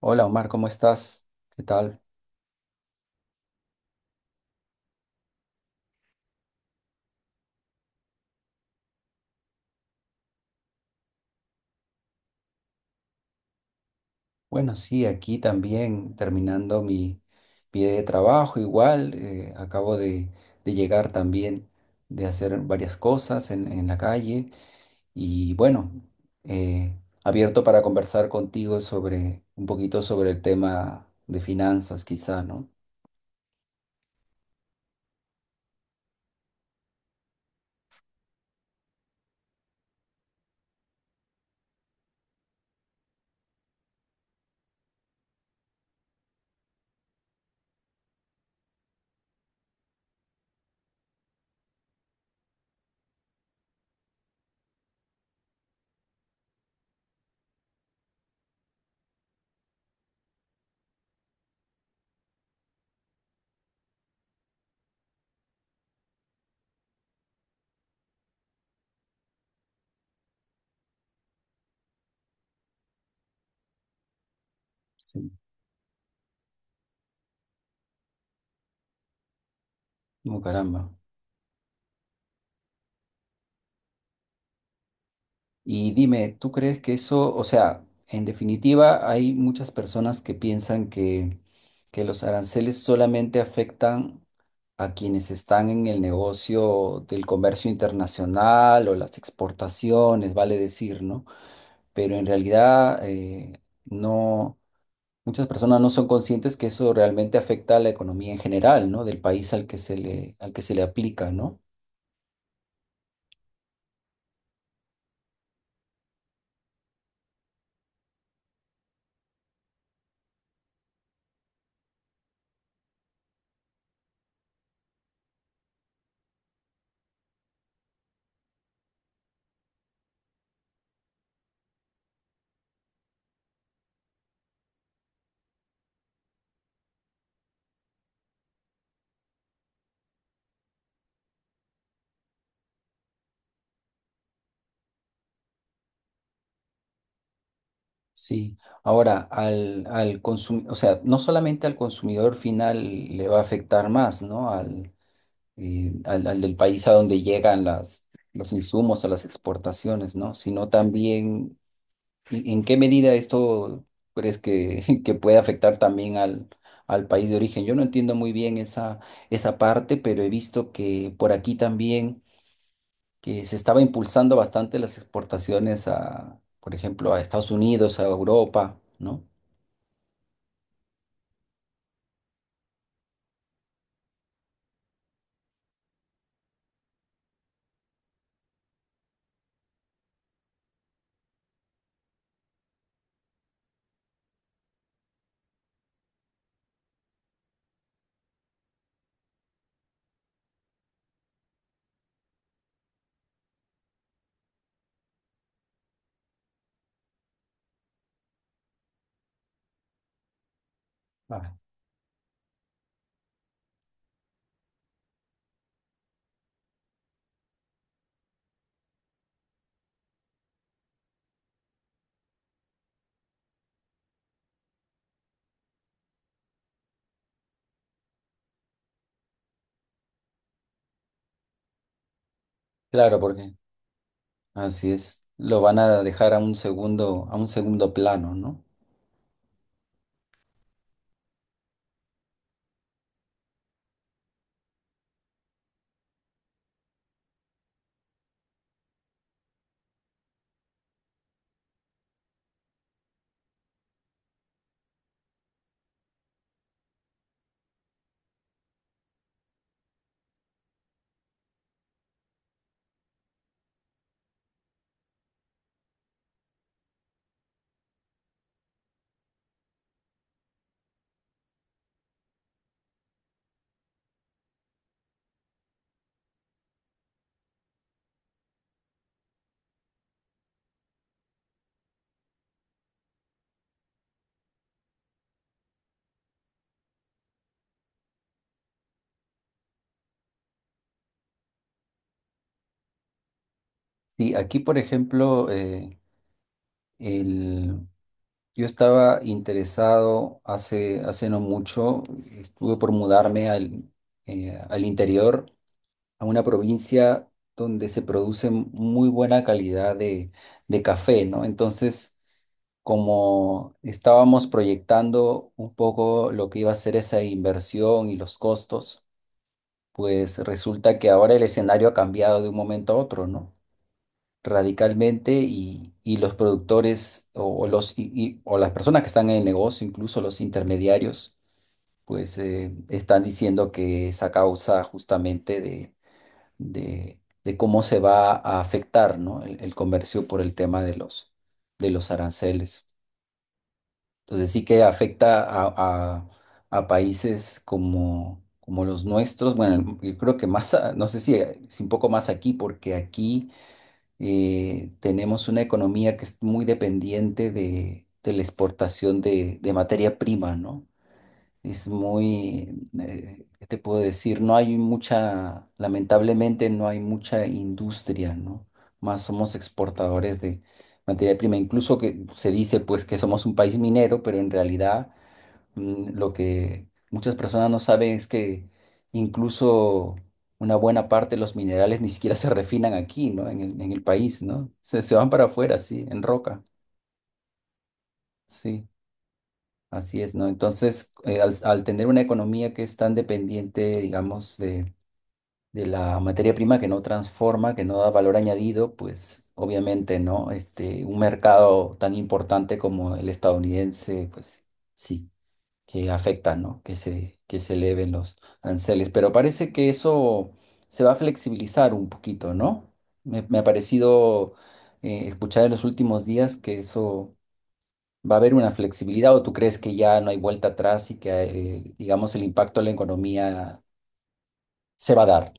Hola Omar, ¿cómo estás? ¿Qué tal? Bueno, sí, aquí también terminando mi día de trabajo, igual acabo de llegar también de hacer varias cosas en la calle y bueno, eh, abierto para conversar contigo sobre un poquito sobre el tema de finanzas, quizá, ¿no? Sí, como caramba. Y dime, ¿tú crees que eso, o sea, en definitiva, hay muchas personas que piensan que los aranceles solamente afectan a quienes están en el negocio del comercio internacional o las exportaciones, vale decir, ¿no? Pero en realidad, no, muchas personas no son conscientes que eso realmente afecta a la economía en general, ¿no? Del país al que se le, al que se le aplica, ¿no? Sí, ahora al o sea, no solamente al consumidor final le va a afectar más, ¿no? Al, al, al del país a donde llegan los insumos o las exportaciones, ¿no? Sino también, ¿en qué medida esto crees que puede afectar también al, al país de origen? Yo no entiendo muy bien esa parte, pero he visto que por aquí también que se estaba impulsando bastante las exportaciones a, por ejemplo, a Estados Unidos, a Europa, ¿no? Ah, claro, porque así es. Lo van a dejar a un segundo plano, ¿no? Sí, aquí, por ejemplo, el, yo estaba interesado hace no mucho, estuve por mudarme al, al interior, a una provincia donde se produce muy buena calidad de café, ¿no? Entonces, como estábamos proyectando un poco lo que iba a ser esa inversión y los costos, pues resulta que ahora el escenario ha cambiado de un momento a otro, ¿no? Radicalmente y los productores o los, o las personas que están en el negocio, incluso los intermediarios, pues están diciendo que es a causa justamente de cómo se va a afectar, ¿no? El comercio por el tema de de los aranceles. Entonces sí que afecta a, a países como, como los nuestros. Bueno, yo creo que más, no sé si, si un poco más aquí, porque aquí tenemos una economía que es muy dependiente de la exportación de materia prima, ¿no? Es muy, ¿qué te puedo decir? No hay mucha, lamentablemente no hay mucha industria, ¿no? Más somos exportadores de materia prima. Incluso que se dice pues que somos un país minero, pero en realidad lo que muchas personas no saben es que incluso una buena parte de los minerales ni siquiera se refinan aquí, ¿no? En el país, ¿no? Se van para afuera, sí, en roca, sí. Así es, ¿no? Entonces, al, al tener una economía que es tan dependiente, digamos, de la materia prima que no transforma, que no da valor añadido, pues obviamente, ¿no? Este, un mercado tan importante como el estadounidense, pues sí, que afecta, ¿no? Que se eleven los aranceles. Pero parece que eso se va a flexibilizar un poquito, ¿no? Me ha parecido escuchar en los últimos días que eso ¿Va a haber una flexibilidad o tú crees que ya no hay vuelta atrás y que, digamos, el impacto en la economía se va a dar?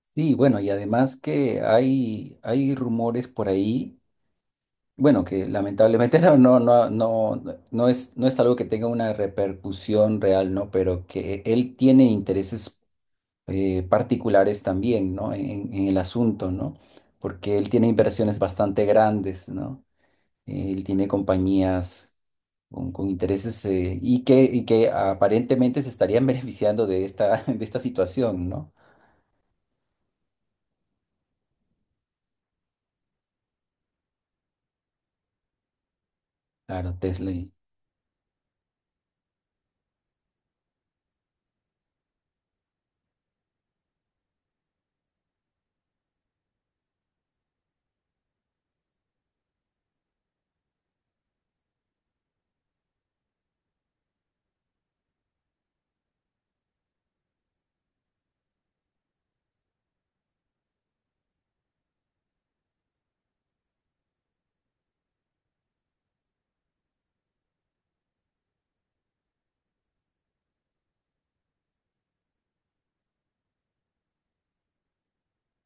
Sí, bueno, y además que hay rumores por ahí, bueno, que lamentablemente no, no, no, no, no es, no es algo que tenga una repercusión real, ¿no? Pero que él tiene intereses particulares también, ¿no? En el asunto, ¿no? Porque él tiene inversiones bastante grandes, ¿no? Él tiene compañías con intereses y que aparentemente se estarían beneficiando de esta, de esta situación, ¿no? Claro, Tesla. Y-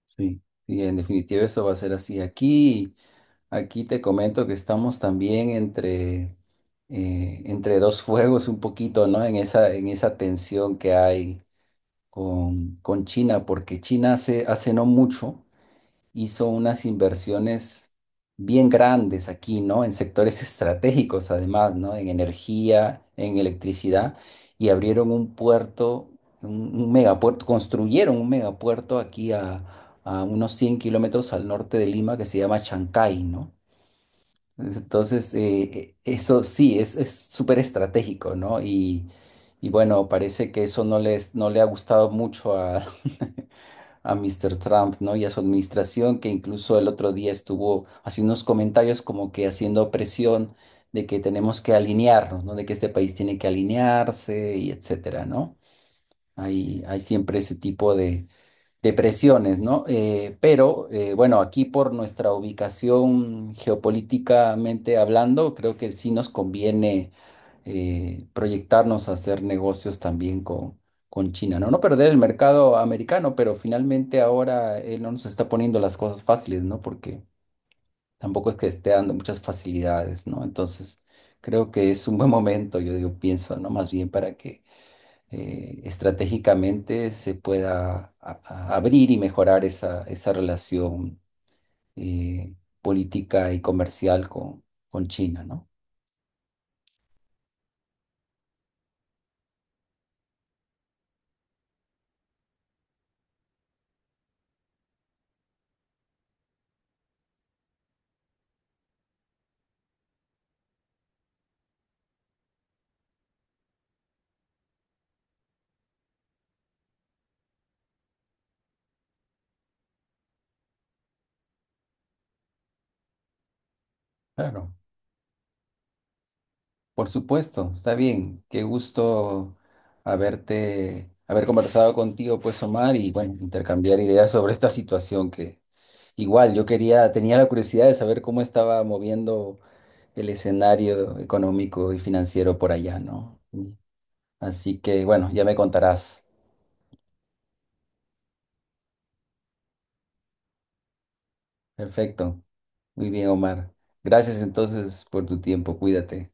Sí. Sí, en definitiva eso va a ser así. Aquí, aquí te comento que estamos también entre, entre dos fuegos un poquito, ¿no? En esa tensión que hay con China, porque China hace, hace no mucho. Hizo unas inversiones bien grandes aquí, ¿no? En sectores estratégicos, además, ¿no? En energía, en electricidad, y abrieron un puerto, un megapuerto, construyeron un megapuerto aquí a unos 100 kilómetros al norte de Lima que se llama Chancay, ¿no? Entonces, eso sí, es súper estratégico, ¿no? Y bueno, parece que eso no les, no le ha gustado mucho a, a Mr. Trump, ¿no? Y a su administración, que incluso el otro día estuvo haciendo unos comentarios como que haciendo presión de que tenemos que alinearnos, ¿no? De que este país tiene que alinearse y etcétera, ¿no? Hay siempre ese tipo de, depresiones, ¿no? Pero bueno, aquí por nuestra ubicación geopolíticamente hablando, creo que sí nos conviene proyectarnos a hacer negocios también con China, ¿no? No perder el mercado americano, pero finalmente ahora él no nos está poniendo las cosas fáciles, ¿no? Porque tampoco es que esté dando muchas facilidades, ¿no? Entonces, creo que es un buen momento, yo digo, pienso, ¿no? Más bien para que estratégicamente se pueda abrir y mejorar esa, esa relación eh, política y comercial con China, ¿no? Claro, por supuesto, está bien. Qué gusto haberte, haber conversado contigo, pues, Omar, y bueno, intercambiar ideas sobre esta situación que igual yo quería, tenía la curiosidad de saber cómo estaba moviendo el escenario económico y financiero por allá, ¿no? Así que bueno, ya me contarás. Perfecto. Muy bien, Omar. Gracias entonces por tu tiempo. Cuídate.